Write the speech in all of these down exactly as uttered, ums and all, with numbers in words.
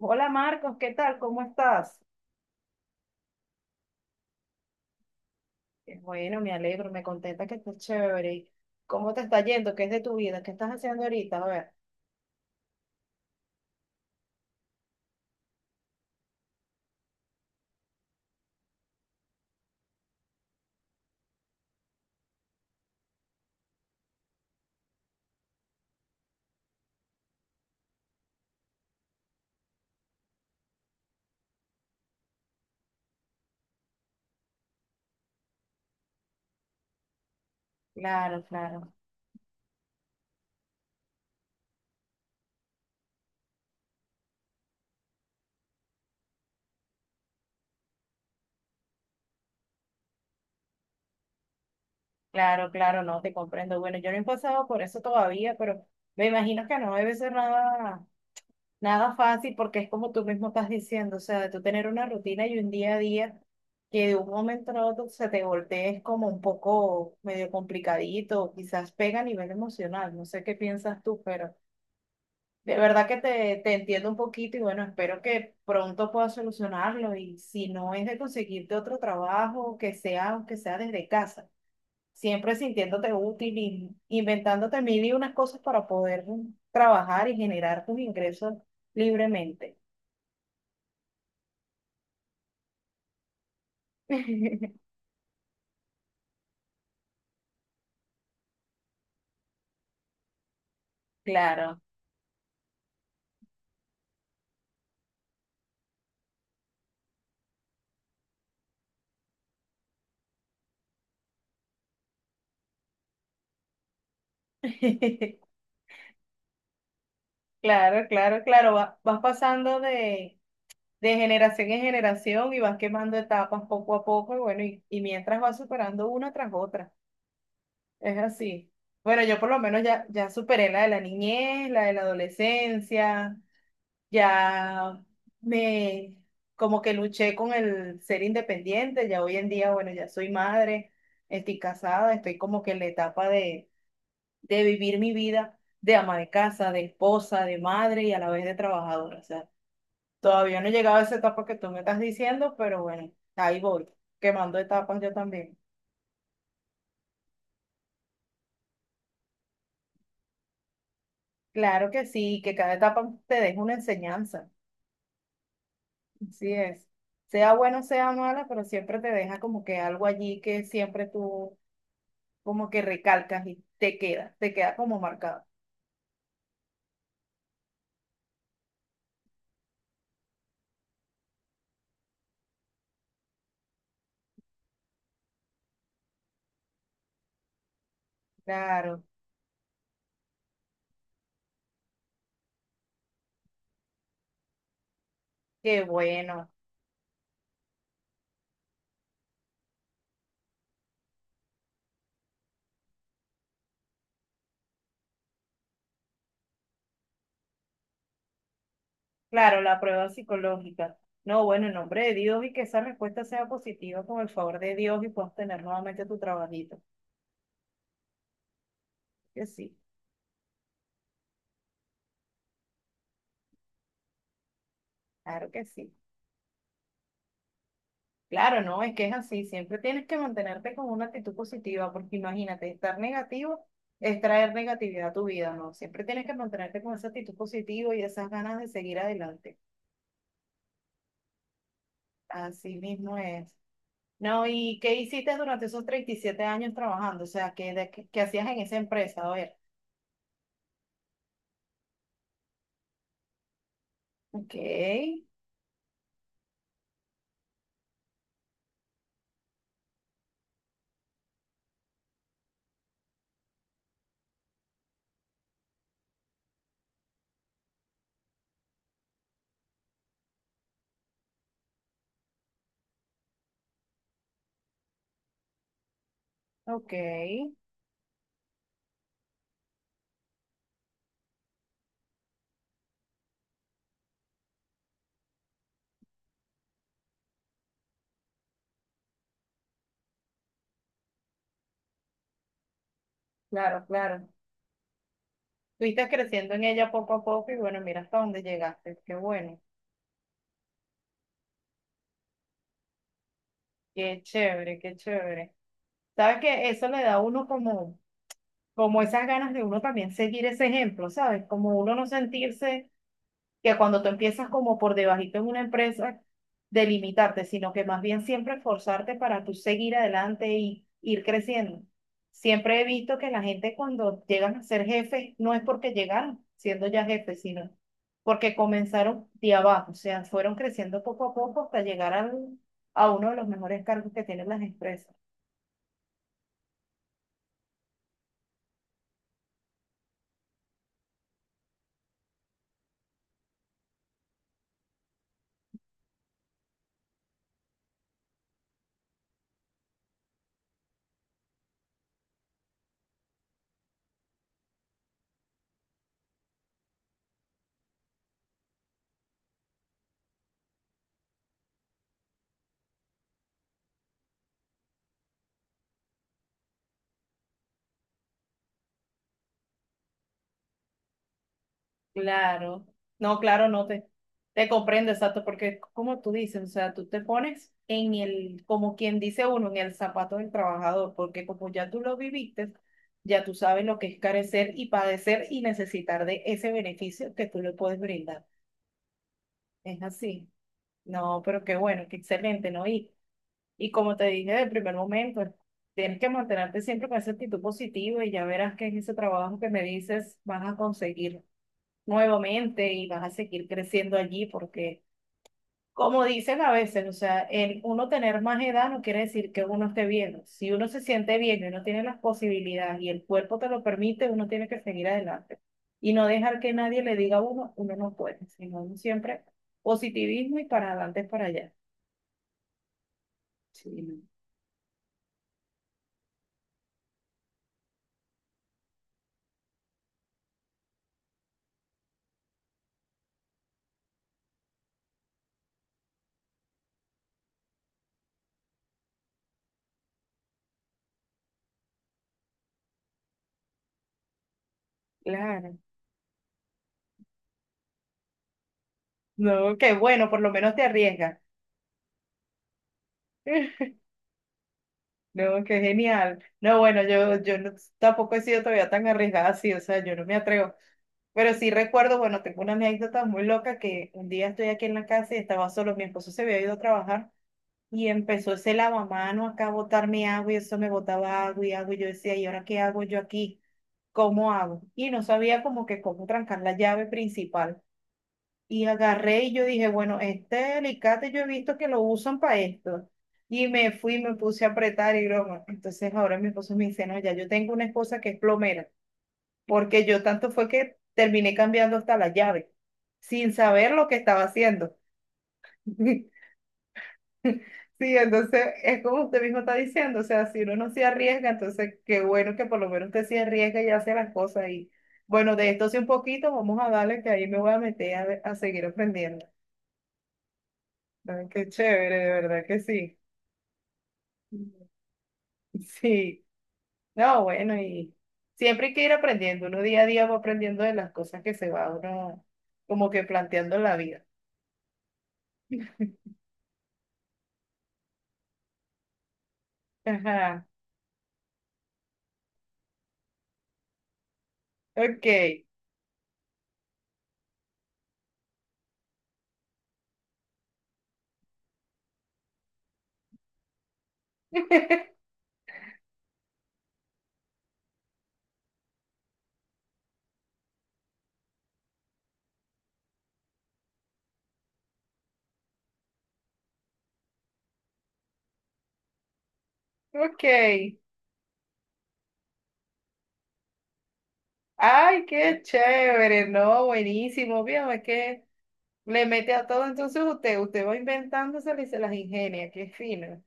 Hola Marcos, ¿qué tal? ¿Cómo estás? Eh, Bueno, me alegro, me contenta que estés chévere. ¿Cómo te está yendo? ¿Qué es de tu vida? ¿Qué estás haciendo ahorita? A ver. Claro, claro, claro, claro, no te comprendo. Bueno, yo no he pasado por eso todavía, pero me imagino que no debe ser nada, nada fácil porque es como tú mismo estás diciendo, o sea, de tú tener una rutina y un día a día que de un momento a otro se te voltee es como un poco medio complicadito, quizás pega a nivel emocional, no sé qué piensas tú, pero... De verdad que te, te entiendo un poquito y bueno, espero que pronto puedas solucionarlo y si no es de conseguirte otro trabajo, que sea, aunque sea desde casa, siempre sintiéndote útil y inventándote mil y unas cosas para poder trabajar y generar tus ingresos libremente. Claro, claro, claro, claro, va- vas pasando de, de generación en generación y vas quemando etapas poco a poco y bueno, y, y mientras vas superando una tras otra. Es así. Bueno, yo por lo menos ya, ya superé la de la niñez, la de la adolescencia, ya me como que luché con el ser independiente, ya hoy en día, bueno, ya soy madre, estoy casada, estoy como que en la etapa de, de vivir mi vida de ama de casa, de esposa, de madre y a la vez de trabajadora. O sea, todavía no he llegado a esa etapa que tú me estás diciendo, pero bueno, ahí voy, quemando etapas yo también. Claro que sí, que cada etapa te deja una enseñanza. Así es. Sea bueno, sea mala, pero siempre te deja como que algo allí que siempre tú como que recalcas y te queda, te queda como marcado. Claro, qué bueno. Claro, la prueba psicológica. No, bueno, en nombre de Dios y que esa respuesta sea positiva con el favor de Dios y puedas tener nuevamente tu trabajito. Que sí, claro que sí. Claro, no, es que es así, siempre tienes que mantenerte con una actitud positiva, porque imagínate, estar negativo es traer negatividad a tu vida, ¿no? Siempre tienes que mantenerte con esa actitud positiva y esas ganas de seguir adelante. Así mismo es. No, ¿y qué hiciste durante esos treinta y siete años trabajando? O sea, ¿qué, de- qué, ¿qué hacías en esa empresa? A ver. Ok, ok, claro, claro. Fuiste creciendo en ella poco a poco y bueno, mira hasta dónde llegaste, qué bueno, qué chévere, qué chévere. Sabes que eso le da a uno como como esas ganas de uno también seguir ese ejemplo, ¿sabes? Como uno no sentirse que cuando tú empiezas como por debajito en una empresa, delimitarte, sino que más bien siempre esforzarte para tú seguir adelante y ir creciendo. Siempre he visto que la gente cuando llegan a ser jefes no es porque llegaron siendo ya jefes, sino porque comenzaron de abajo, o sea, fueron creciendo poco a poco hasta llegar al- a uno de los mejores cargos que tienen las empresas. Claro, no, claro, no te, te comprendo, exacto, porque como tú dices, o sea, tú te pones en el, como quien dice uno, en el zapato del trabajador, porque como ya tú lo viviste, ya tú sabes lo que es carecer y padecer y necesitar de ese beneficio que tú le puedes brindar. Es así. No, pero qué bueno, qué excelente, ¿no? Y, y como te dije del primer momento, tienes que mantenerte siempre con esa actitud positiva y ya verás que en ese trabajo que me dices vas a conseguir nuevamente y vas a seguir creciendo allí porque, como dicen a veces, o sea, el uno tener más edad no quiere decir que uno esté bien. Si uno se siente bien y uno tiene las posibilidades y el cuerpo te lo permite, uno tiene que seguir adelante y no dejar que nadie le diga a uno, uno no puede, sino uno siempre positivismo y para adelante es para allá. Sí, no, claro. No, qué bueno, por lo menos te arriesgas. No, qué genial. No, bueno, yo, yo no- tampoco he sido todavía tan arriesgada así, o sea, yo no me atrevo. Pero sí recuerdo, bueno, tengo una anécdota muy loca que un día estoy aquí en la casa y estaba solo, mi esposo se había ido a trabajar y empezó ese lavamano acá a botarme agua y eso me botaba agua y agua y yo decía, ¿y ahora qué hago yo aquí? ¿Cómo hago? Y no sabía como que cómo trancar la llave principal. Y agarré y yo dije, bueno, este alicate yo he visto que lo usan para esto. Y me fui, me puse a apretar y broma. Entonces ahora mi esposo me dice, no, ya yo tengo una esposa que es plomera porque yo tanto fue que terminé cambiando hasta la llave, sin saber lo que estaba haciendo. Sí, entonces es como usted mismo está diciendo, o sea, si uno no se arriesga, entonces qué bueno que por lo menos usted se arriesga y hace las cosas. Y bueno, de esto sí un poquito, vamos a darle que ahí me voy a meter a, ver- a seguir aprendiendo. Ay, qué chévere, de verdad que sí. Sí, no, bueno, y siempre hay que ir aprendiendo, uno día a día va aprendiendo de las cosas que se va uno como que planteando en la vida. Ajá. Ok, ok. Ay, qué chévere, no, buenísimo. Fíjame que le mete a todo, entonces usted, usted va inventándosela y se las ingenia, qué fino.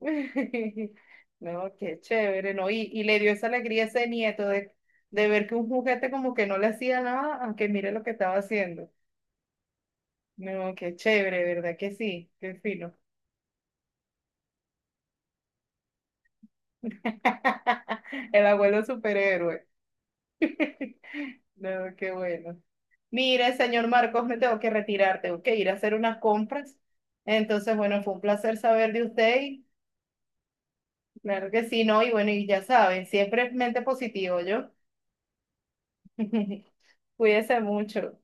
No, qué chévere, no. Y, y le dio esa alegría a ese nieto de, de ver que un juguete como que no le hacía nada, aunque mire lo que estaba haciendo. No, qué chévere, ¿verdad que sí? Qué fino. El abuelo superhéroe. No, qué bueno. Mire, señor Marcos, me tengo que retirar, tengo que ir a hacer unas compras. Entonces, bueno, fue un placer saber de usted y claro que sí, ¿no? Y bueno, y ya saben, siempre es mente positivo, yo. Cuídese mucho.